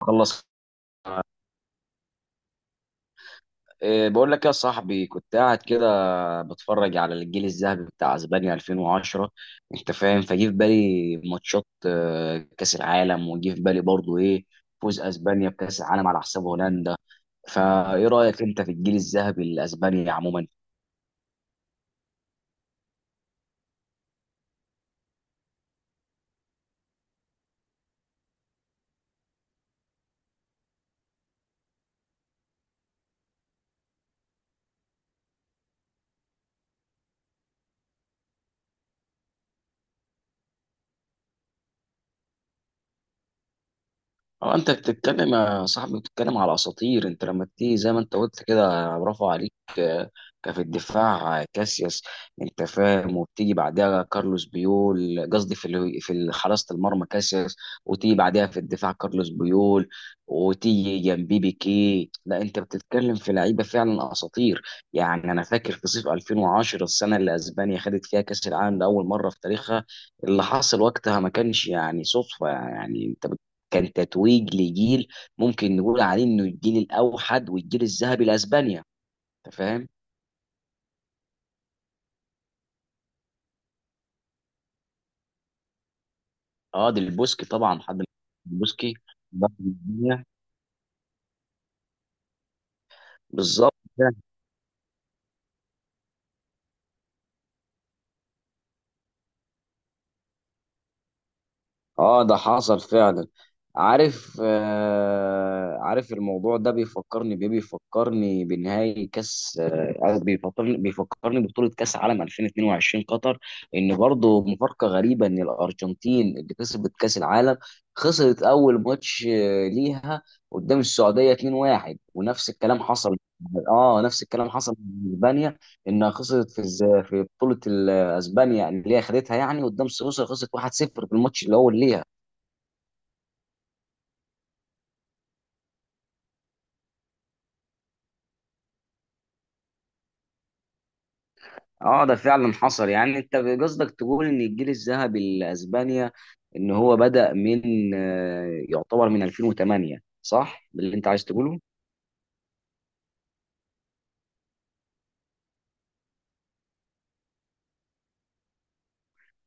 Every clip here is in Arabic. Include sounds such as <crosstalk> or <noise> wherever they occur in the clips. خلص. إيه، بقول لك يا صاحبي، كنت قاعد كده بتفرج على الجيل الذهبي بتاع اسبانيا 2010. انت فاهم، فجي في بالي ماتشات، كاس العالم، وجي في بالي برضو ايه، فوز اسبانيا بكاس العالم على حساب هولندا. فايه رايك انت في الجيل الذهبي لاسبانيا عموما؟ اه، انت بتتكلم يا صاحبي، بتتكلم على اساطير. انت لما تيجي زي ما انت قلت كده، برافو عليك. آه، كفي الدفاع، كاسياس. انت فاهم، وبتيجي بعدها كارلوس بيول، قصدي حراسة المرمى كاسياس، وتيجي بعدها في الدفاع كارلوس بيول، وتيجي جنبي بيكي. لا، انت بتتكلم في لعيبه فعلا اساطير. يعني انا فاكر في صيف 2010، السنه اللي اسبانيا خدت فيها كاس العالم لاول مره في تاريخها. اللي حصل وقتها ما كانش يعني صدفه، يعني انت، كان تتويج لجيل ممكن نقول عليه انه الجيل الاوحد والجيل الذهبي لاسبانيا. انت فاهم. اه، ديل بوسكي طبعا. حد ما- ديل بوسكي، بطل الدنيا. بالظبط. اه، ده حصل فعلا. عارف، آه عارف. الموضوع ده بيفكرني بنهائي كاس، آه، بيفكرني ببطولة كاس عالم 2022 قطر. ان برضه مفارقة غريبة ان الارجنتين اللي كسبت كاس العالم خسرت اول ماتش، ليها، قدام السعودية 2-1. ونفس الكلام حصل، اه نفس الكلام حصل مع اسبانيا، انها خسرت في بطولة اسبانيا اللي هي خدتها، يعني قدام سويسرا خسرت 1-0 في الماتش اللي هو ليها. اه ده فعلا حصل. يعني انت قصدك تقول ان الجيل الذهبي لاسبانيا، ان هو بدأ من، يعتبر من 2008، صح باللي انت عايز تقوله.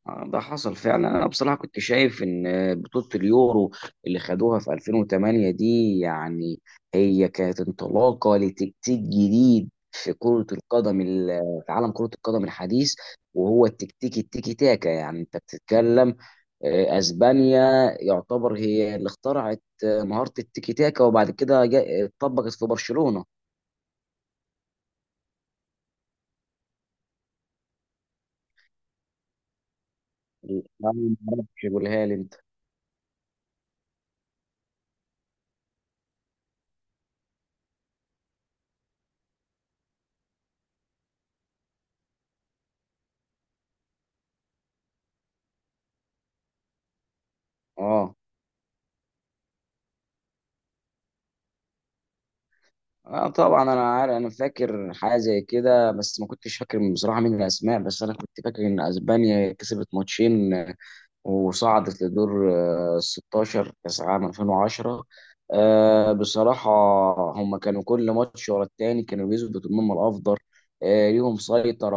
ده حصل فعلا. انا بصراحه كنت شايف ان بطوله اليورو اللي خدوها في 2008 دي، يعني هي كانت انطلاقه لتكتيك جديد في كره القدم، في عالم كره القدم الحديث، وهو التكتيك التيكي تاكا. يعني انت بتتكلم، اسبانيا يعتبر هي اللي اخترعت، مهاره التيكي تاكا، وبعد كده اتطبقت في برشلونه. لا، ما اعرفش، قولها لي انت. اه. اه طبعا انا عارف، انا فاكر حاجه زي كده، بس ما كنتش فاكر بصراحه مين الاسماء، بس انا كنت فاكر ان اسبانيا كسبت ماتشين وصعدت لدور، 16 كأس عام 2010. بصراحة هم كانوا كل ماتش ورا التاني كانوا بيثبتوا إن هم الأفضل. ليهم سيطرة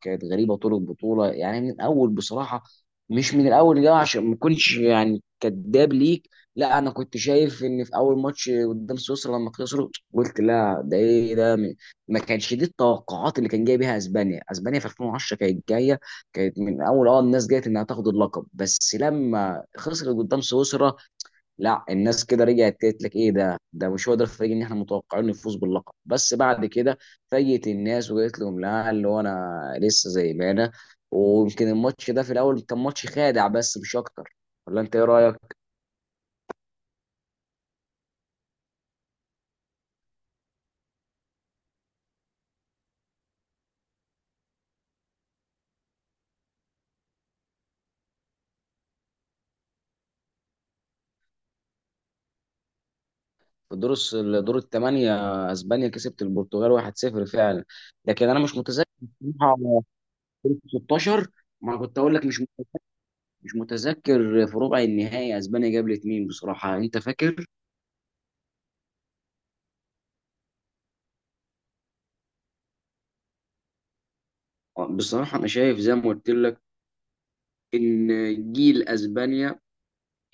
كانت غريبة طول البطولة، يعني من الأول بصراحة. مش من الأول جاي عشان ما كنتش يعني كداب ليك، لا أنا كنت شايف إن في أول ماتش قدام سويسرا لما خسروا قلت لا، ده إيه ده؟ ما كانش دي التوقعات اللي كان جاي بيها أسبانيا. أسبانيا في 2010 كانت جاية، كانت من اول اه الناس جت انها تاخد اللقب، بس لما خسرت قدام سويسرا لا، الناس كده رجعت قالت لك ايه ده؟ ده مش هو ده الفريق اللي احنا متوقعين يفوز باللقب. بس بعد كده فاجئت الناس وقالت لهم لا، اللي هو انا لسه زي ما انا. ويمكن الماتش ده في الاول كان ماتش خادع، بس مش اكتر. ولا انت ايه رايك؟ دور الثمانيه اسبانيا كسبت البرتغال 1-0 فعلا. لكن انا مش متذكر بصراحه، في 16، ما أنا كنت اقول لك، مش مش متذكر في ربع النهائي اسبانيا قابلت مين بصراحه، انت فاكر؟ بصراحه انا شايف زي ما قلت لك ان جيل اسبانيا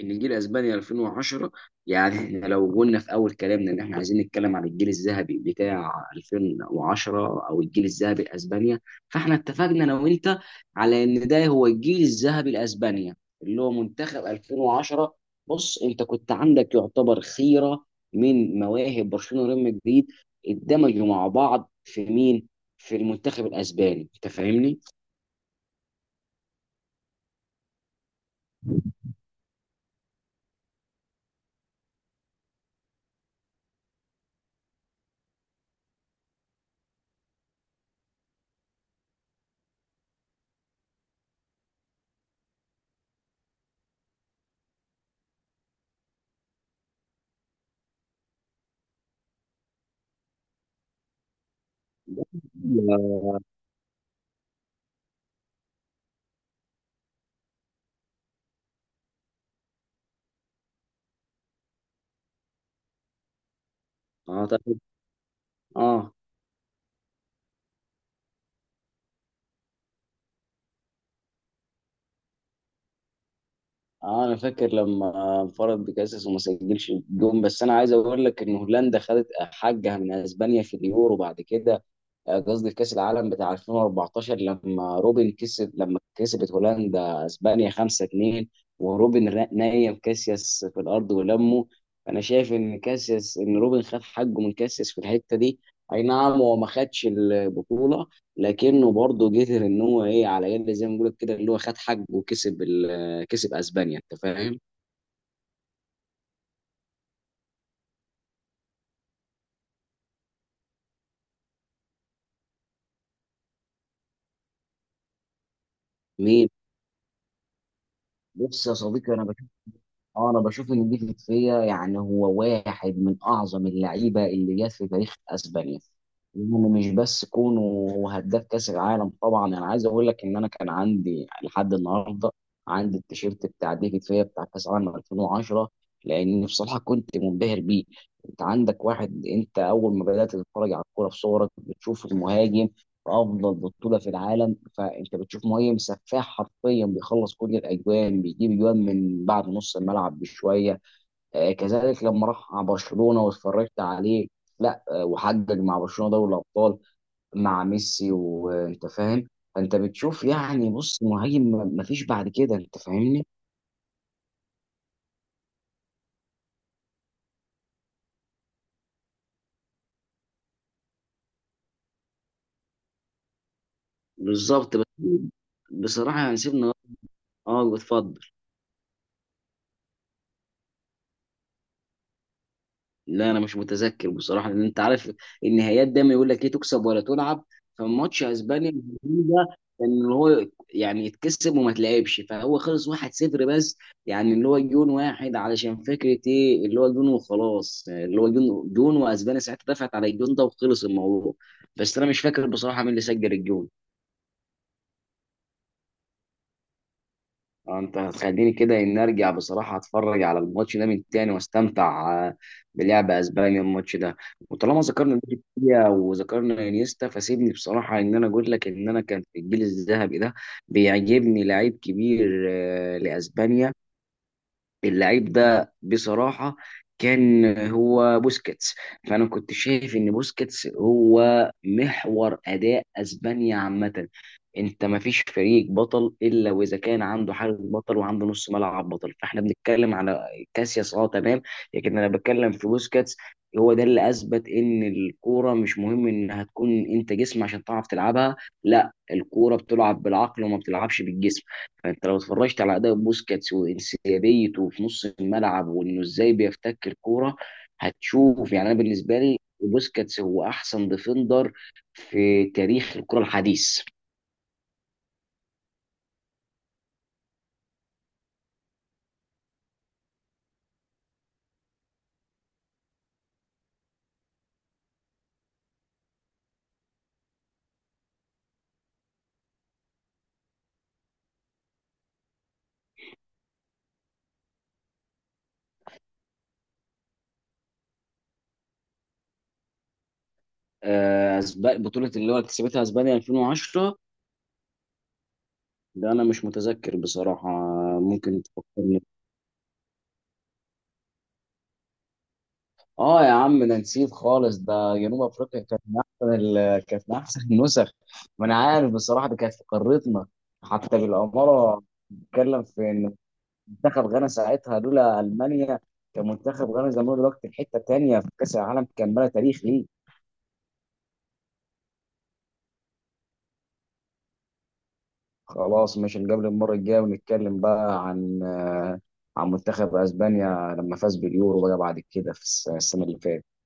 ان جيل اسبانيا 2010، يعني <laughs> احنا لو قلنا في اول كلامنا ان احنا عايزين نتكلم عن الجيل الذهبي بتاع 2010 او الجيل الذهبي لاسبانيا، فاحنا اتفقنا انا وانت على ان ده هو الجيل الذهبي لاسبانيا، اللي هو منتخب 2010. بص، انت كنت عندك يعتبر خيره من مواهب برشلونه وريال مدريد اندمجوا مع بعض في مين؟ في المنتخب الاسباني، انت فاهمني؟ اه طب. اه. اه انا فاكر لما انفرد بكاسس وما سجلش جون، بس انا عايز اقول لك ان هولندا خدت حقها من اسبانيا في اليورو بعد كده، قصدي في كأس العالم بتاع 2014، لما روبن كسب، لما كسبت هولندا اسبانيا 5-2، وروبن نايم كاسياس في الارض ولمه. فانا شايف ان كاسياس ان روبن خد حقه من كاسياس في الحتة دي. اي نعم هو ما خدش البطولة، لكنه برضه قدر ان هو ايه، على الاقل زي ما بقول لك كده، اللي هو خد حقه وكسب كسب اسبانيا، انت فاهم؟ مين؟ بص يا صديقي انا، اه انا بشوف ان دي فيا يعني هو واحد من اعظم اللعيبه اللي جت في تاريخ اسبانيا، يعني مش بس كونه هو هداف كاس العالم طبعا. انا عايز اقول لك ان انا كان عندي لحد النهارده عندي التيشيرت بتاع ديفيد فيا بتاع كاس العالم 2010، لان بصراحه كنت منبهر بيه. انت عندك واحد، انت اول ما بدات تتفرج على الكوره في صورك بتشوف المهاجم افضل بطوله في العالم، فانت بتشوف مهاجم سفاح حرفيا بيخلص كل الاجوان، بيجيب اجوان من بعد نص الملعب بشويه. آه كذلك لما راح مع برشلونه واتفرجت عليه، لا آه، وحقق مع برشلونه دوري الابطال مع ميسي، وانت فاهم. فانت بتشوف، يعني بص، مهاجم ما فيش بعد كده، انت فاهمني. بالظبط. بس بصراحه يعني سيبنا. اه اتفضل. لا انا مش متذكر بصراحه، لان انت عارف النهايات دايما يقول لك ايه، تكسب ولا تلعب. فماتش اسبانيا ده ان هو، يعني يتكسب وما تلعبش، فهو خلص 1-0 بس، يعني اللي هو جون واحد علشان فكره ايه، اللي هو جون وخلاص، اللي هو جون واسبانيا ساعتها دفعت على الجون ده وخلص الموضوع. بس انا مش فاكر بصراحه مين اللي سجل الجون. انت هتخليني كده ان ارجع بصراحه اتفرج على الماتش ده من تاني واستمتع، بلعب اسبانيا الماتش ده. وطالما ذكرنا بيكيا وذكرنا انيستا، فسيبني بصراحه ان انا اقول لك ان انا كان في الجيل الذهبي ده بيعجبني لعيب كبير، لاسبانيا. اللعيب ده بصراحة كان هو بوسكيتس. فأنا كنت شايف إن بوسكيتس هو محور أداء أسبانيا عامة. أنت مفيش فريق بطل إلا وإذا كان عنده حارس بطل وعنده نص ملعب بطل، فإحنا بنتكلم على كاسياس، أه تمام، لكن أنا بتكلم في بوسكيتس. هو ده اللي أثبت إن الكورة مش مهم إنها تكون أنت جسم عشان تعرف تلعبها، لا الكورة بتلعب بالعقل وما بتلعبش بالجسم. انت لو اتفرجت على اداء بوسكاتس وانسيابيته في نص الملعب وانه ازاي بيفتك الكوره، هتشوف، يعني انا بالنسبه لي بوسكاتس هو احسن ديفندر في تاريخ الكره الحديث. بطوله اللي هو كسبتها اسبانيا 2010، ده انا مش متذكر بصراحه، ممكن تفكرني. اه يا عم، انا نسيت خالص، ده جنوب افريقيا كانت كانت من احسن النسخ. ما انا عارف بصراحه، دي كانت في قارتنا حتى بالاماره. بتتكلم في ان منتخب غانا ساعتها لولا المانيا، كان منتخب غانا زمان دلوقتي في حته تانيه في كاس العالم، كان بلا تاريخ ليه. خلاص ماشي، نقابل المره الجايه ونتكلم بقى عن، عن منتخب اسبانيا لما فاز باليورو بقى بعد كده السنه اللي فاتت.